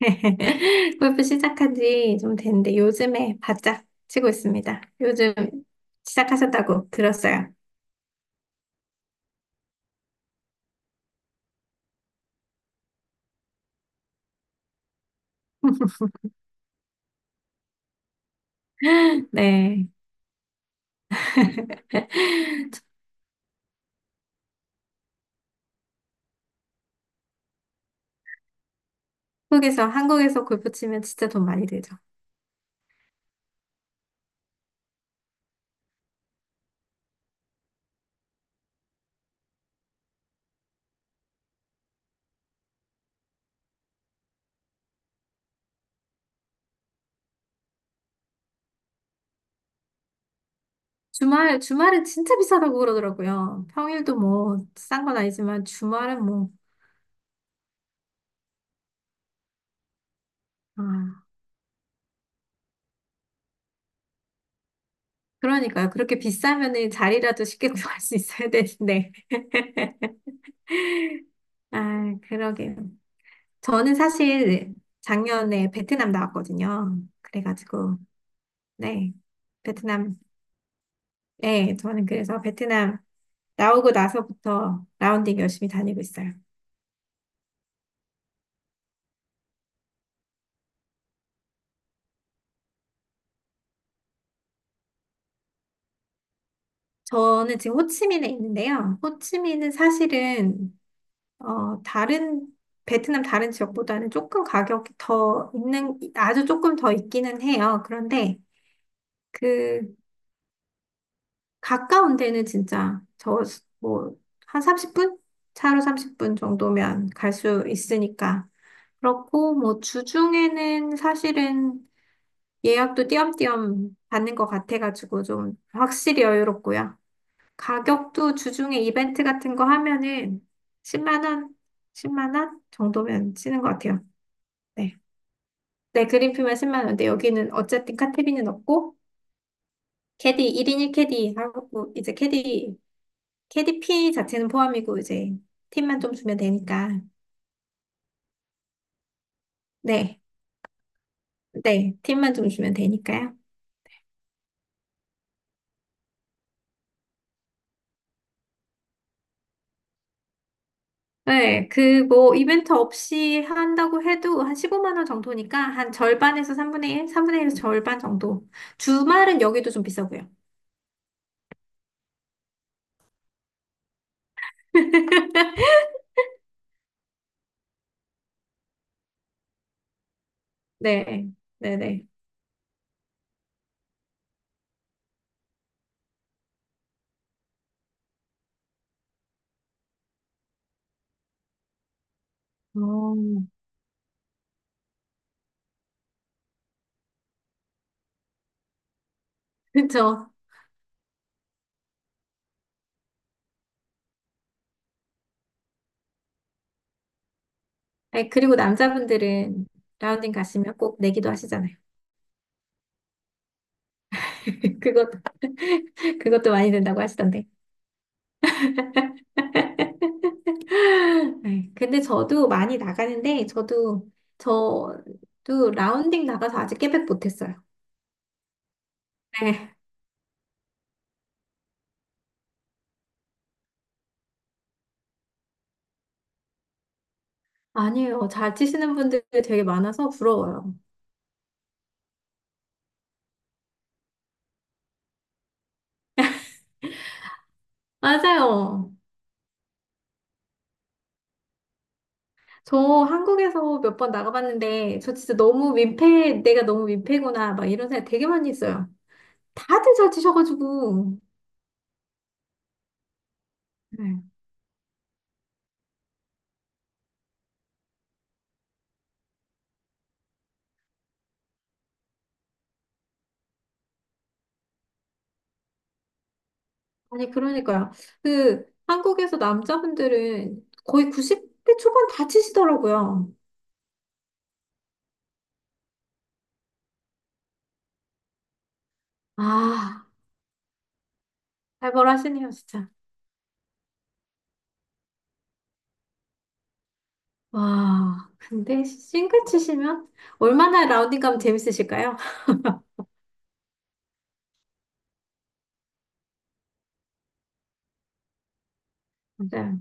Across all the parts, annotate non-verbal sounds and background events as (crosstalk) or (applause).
(laughs) 골프 시작한 지 좀 됐는데 요즘에 바짝 치고 있습니다. 요즘 시작하셨다고 들었어요. (laughs) 네. (laughs) 한국에서 골프 치면 진짜 돈 많이 들죠. 주말은 진짜 비싸다고 그러더라고요. 평일도 뭐, 싼 건 아니지만 주말은 뭐, 아, 그러니까요. 그렇게 비싸면은 자리라도 쉽게 구할 수 있어야 되는데. 아, 그러게요. 저는 사실 작년에 베트남 나왔거든요. 그래가지고, 네. 베트남, 네. 저는 그래서 베트남 나오고 나서부터 라운딩 열심히 다니고 있어요. 저는 지금 호치민에 있는데요. 호치민은 사실은, 어, 다른, 베트남 다른 지역보다는 조금 가격이 더 있는, 아주 조금 더 있기는 해요. 그런데, 그 가까운 데는 진짜 뭐 한 30분? 차로 30분 정도면 갈 수 있으니까. 그렇고 뭐 주중에는 사실은 예약도 띄엄띄엄 받는 것 같아가지고 좀 확실히 여유롭고요. 가격도 주중에 이벤트 같은 거 하면은 10만 원, 10만 원 정도면 쓰는 것 같아요. 네. 네, 그린피만 10만 원인데 여기는 어쨌든 카테비는 없고 캐디 1인 1캐디 하고 이제 캐디 KDP 자체는 포함이고 이제 팁만 좀 주면 되니까. 네, 네, 팁만 좀 주면 되니까요. 네, 그 뭐 이벤트 없이 한다고 해도 한 15만 원 정도니까 한 절반에서 3분의 1, 3분의 1에서 절반 정도. 주말은 여기도 좀 비싸고요. (laughs) 네, 네네. 어, 그렇죠. 그리고 남자분들은 라운딩 가시면 꼭 내기도 하시잖아요. (laughs) 그것, (laughs) 그것도 많이 된다고 하시던데. (laughs) 네, 근데 저도 많이 나가는데, 저도 라운딩 나가서 아직 깨백 못했어요. 네. 아니에요. 잘 치시는 분들이 되게 많아서 부러워요. 맞아요. 저 한국에서 몇 번 나가봤는데, 저 진짜 너무 민폐, 내가 너무 민폐구나, 막 이런 생각 되게 많이 했어요. 다들 잘 치셔가지고. 네. 아니, 그러니까요. 그, 한국에서 남자분들은 거의 90대 초반 다 치시더라고요. 아, 살벌하시네요, 진짜. 와, 근데 싱글 치시면 얼마나 라운딩 가면 재밌으실까요? (laughs) 맞아요.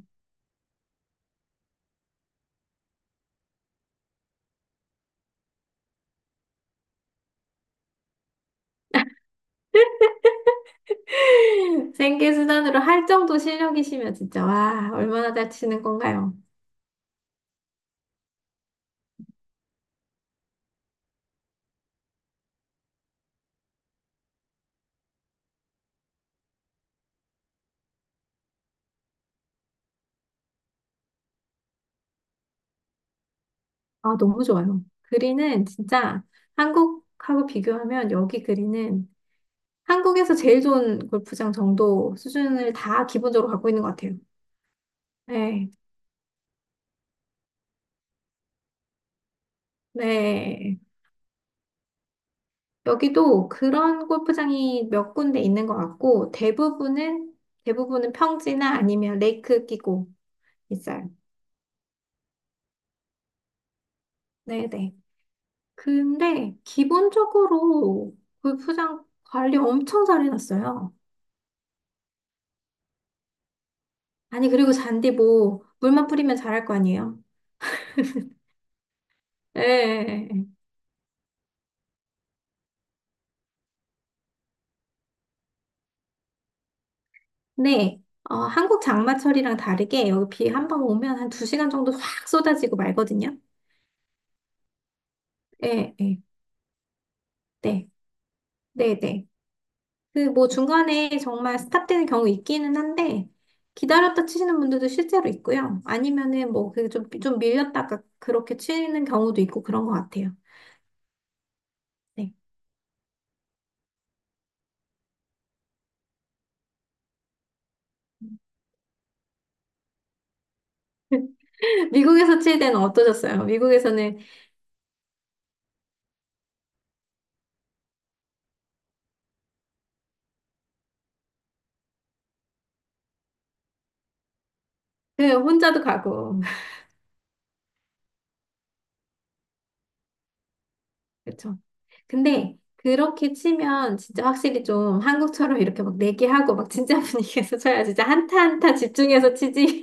생계 수단으로 할 정도 실력이시면 진짜 와, 얼마나 잘 치는 건가요? 아, 너무 좋아요. 그린은 진짜 한국하고 비교하면 여기 그린은 한국에서 제일 좋은 골프장 정도 수준을 다 기본적으로 갖고 있는 것 같아요. 네, 네. 여기도 그런 골프장이 몇 군데 있는 것 같고 대부분은 평지나 아니면 레이크 끼고 있어요. 네네. 근데 기본적으로 골프장 관리 엄청 잘 해놨어요. 아니, 그리고 잔디 뭐, 물만 뿌리면 잘할 거 아니에요? 예. 예, 예. 네. 어, 한국 장마철이랑 다르게 여기 비 한번 오면 한 2시간 정도 확 쏟아지고 말거든요. 예, 예. 네. 네네. 그 뭐 중간에 정말 스탑되는 경우 있기는 한데, 기다렸다 치시는 분들도 실제로 있고요. 아니면은 뭐, 그 좀 밀렸다가 그렇게 치는 경우도 있고 그런 것 같아요. 네. 미국에서 칠 때는 어떠셨어요? 미국에서는 그 혼자도 가고 (laughs) 그렇죠. 근데 그렇게 치면 진짜 확실히 좀 한국처럼 이렇게 막 내기하고 막 진짜 분위기에서 쳐야 진짜 한타 한타 집중해서 치지.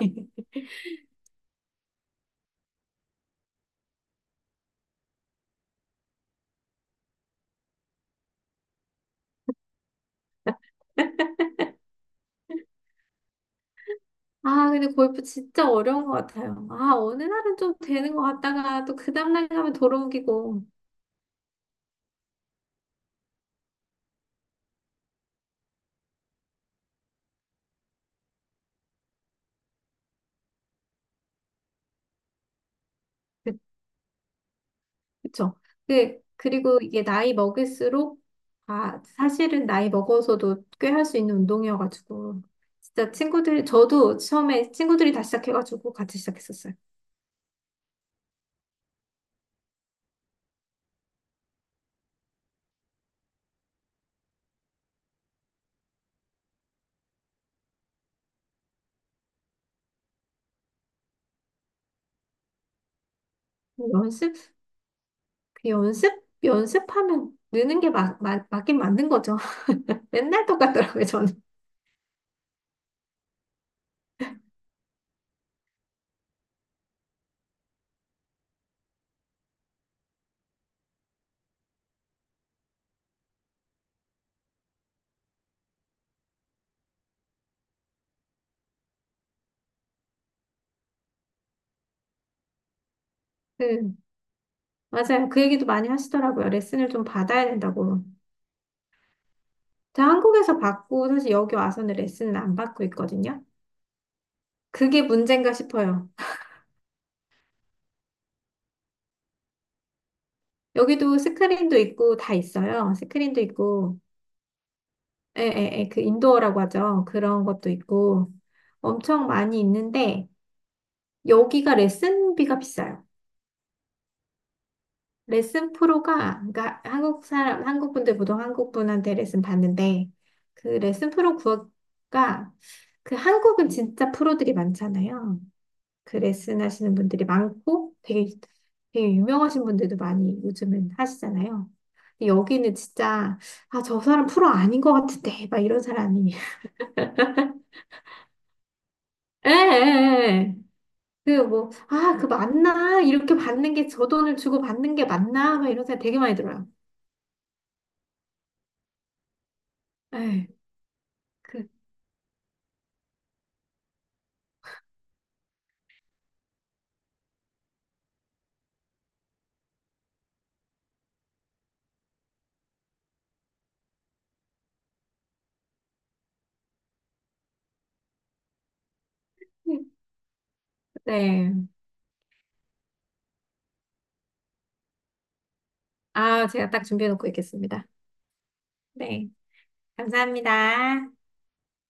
(laughs) 아, 근데 골프 진짜 어려운 것 같아요. 아, 어느 날은 좀 되는 것 같다가 또 그 다음날 가면 돌아오기고. 그쵸? 그리고 이게 나이 먹을수록, 아, 사실은 나이 먹어서도 꽤 할 수 있는 운동이어가지고, 진짜 친구들, 저도 처음에 친구들이 다 시작해가지고 같이 시작했었어요. 연습? 그 연습? 연습하면 느는 게 막, 맞긴 맞는 거죠. (laughs) 맨날 똑같더라고요, 저는. 음, 맞아요. 그 얘기도 많이 하시더라고요. 레슨을 좀 받아야 된다고. 제가 한국에서 받고, 사실 여기 와서는 레슨을 안 받고 있거든요. 그게 문제인가 싶어요. 여기도 스크린도 있고 다 있어요. 스크린도 있고, 그 인도어라고 하죠. 그런 것도 있고 엄청 많이 있는데 여기가 레슨비가 비싸요. 레슨 프로가 그러니까 한국 사람 한국 분들 보통 한국 분한테 레슨 받는데 그 레슨 프로 구가 그 한국은 진짜 프로들이 많잖아요. 그 레슨 하시는 분들이 많고 되게 되게 유명하신 분들도 많이 요즘은 하시잖아요. 근데 여기는 진짜 아, 저 사람 프로 아닌 것 같은데 막 이런 사람이 (laughs) 예, 예, 예. 그 뭐, 아, 그 맞나? 이렇게 받는 게 저 돈을 주고 받는 게 맞나? 막 이런 생각 되게 많이 들어요. 예. 그, 네. 아, 제가 딱 준비해놓고 있겠습니다. 네. 감사합니다.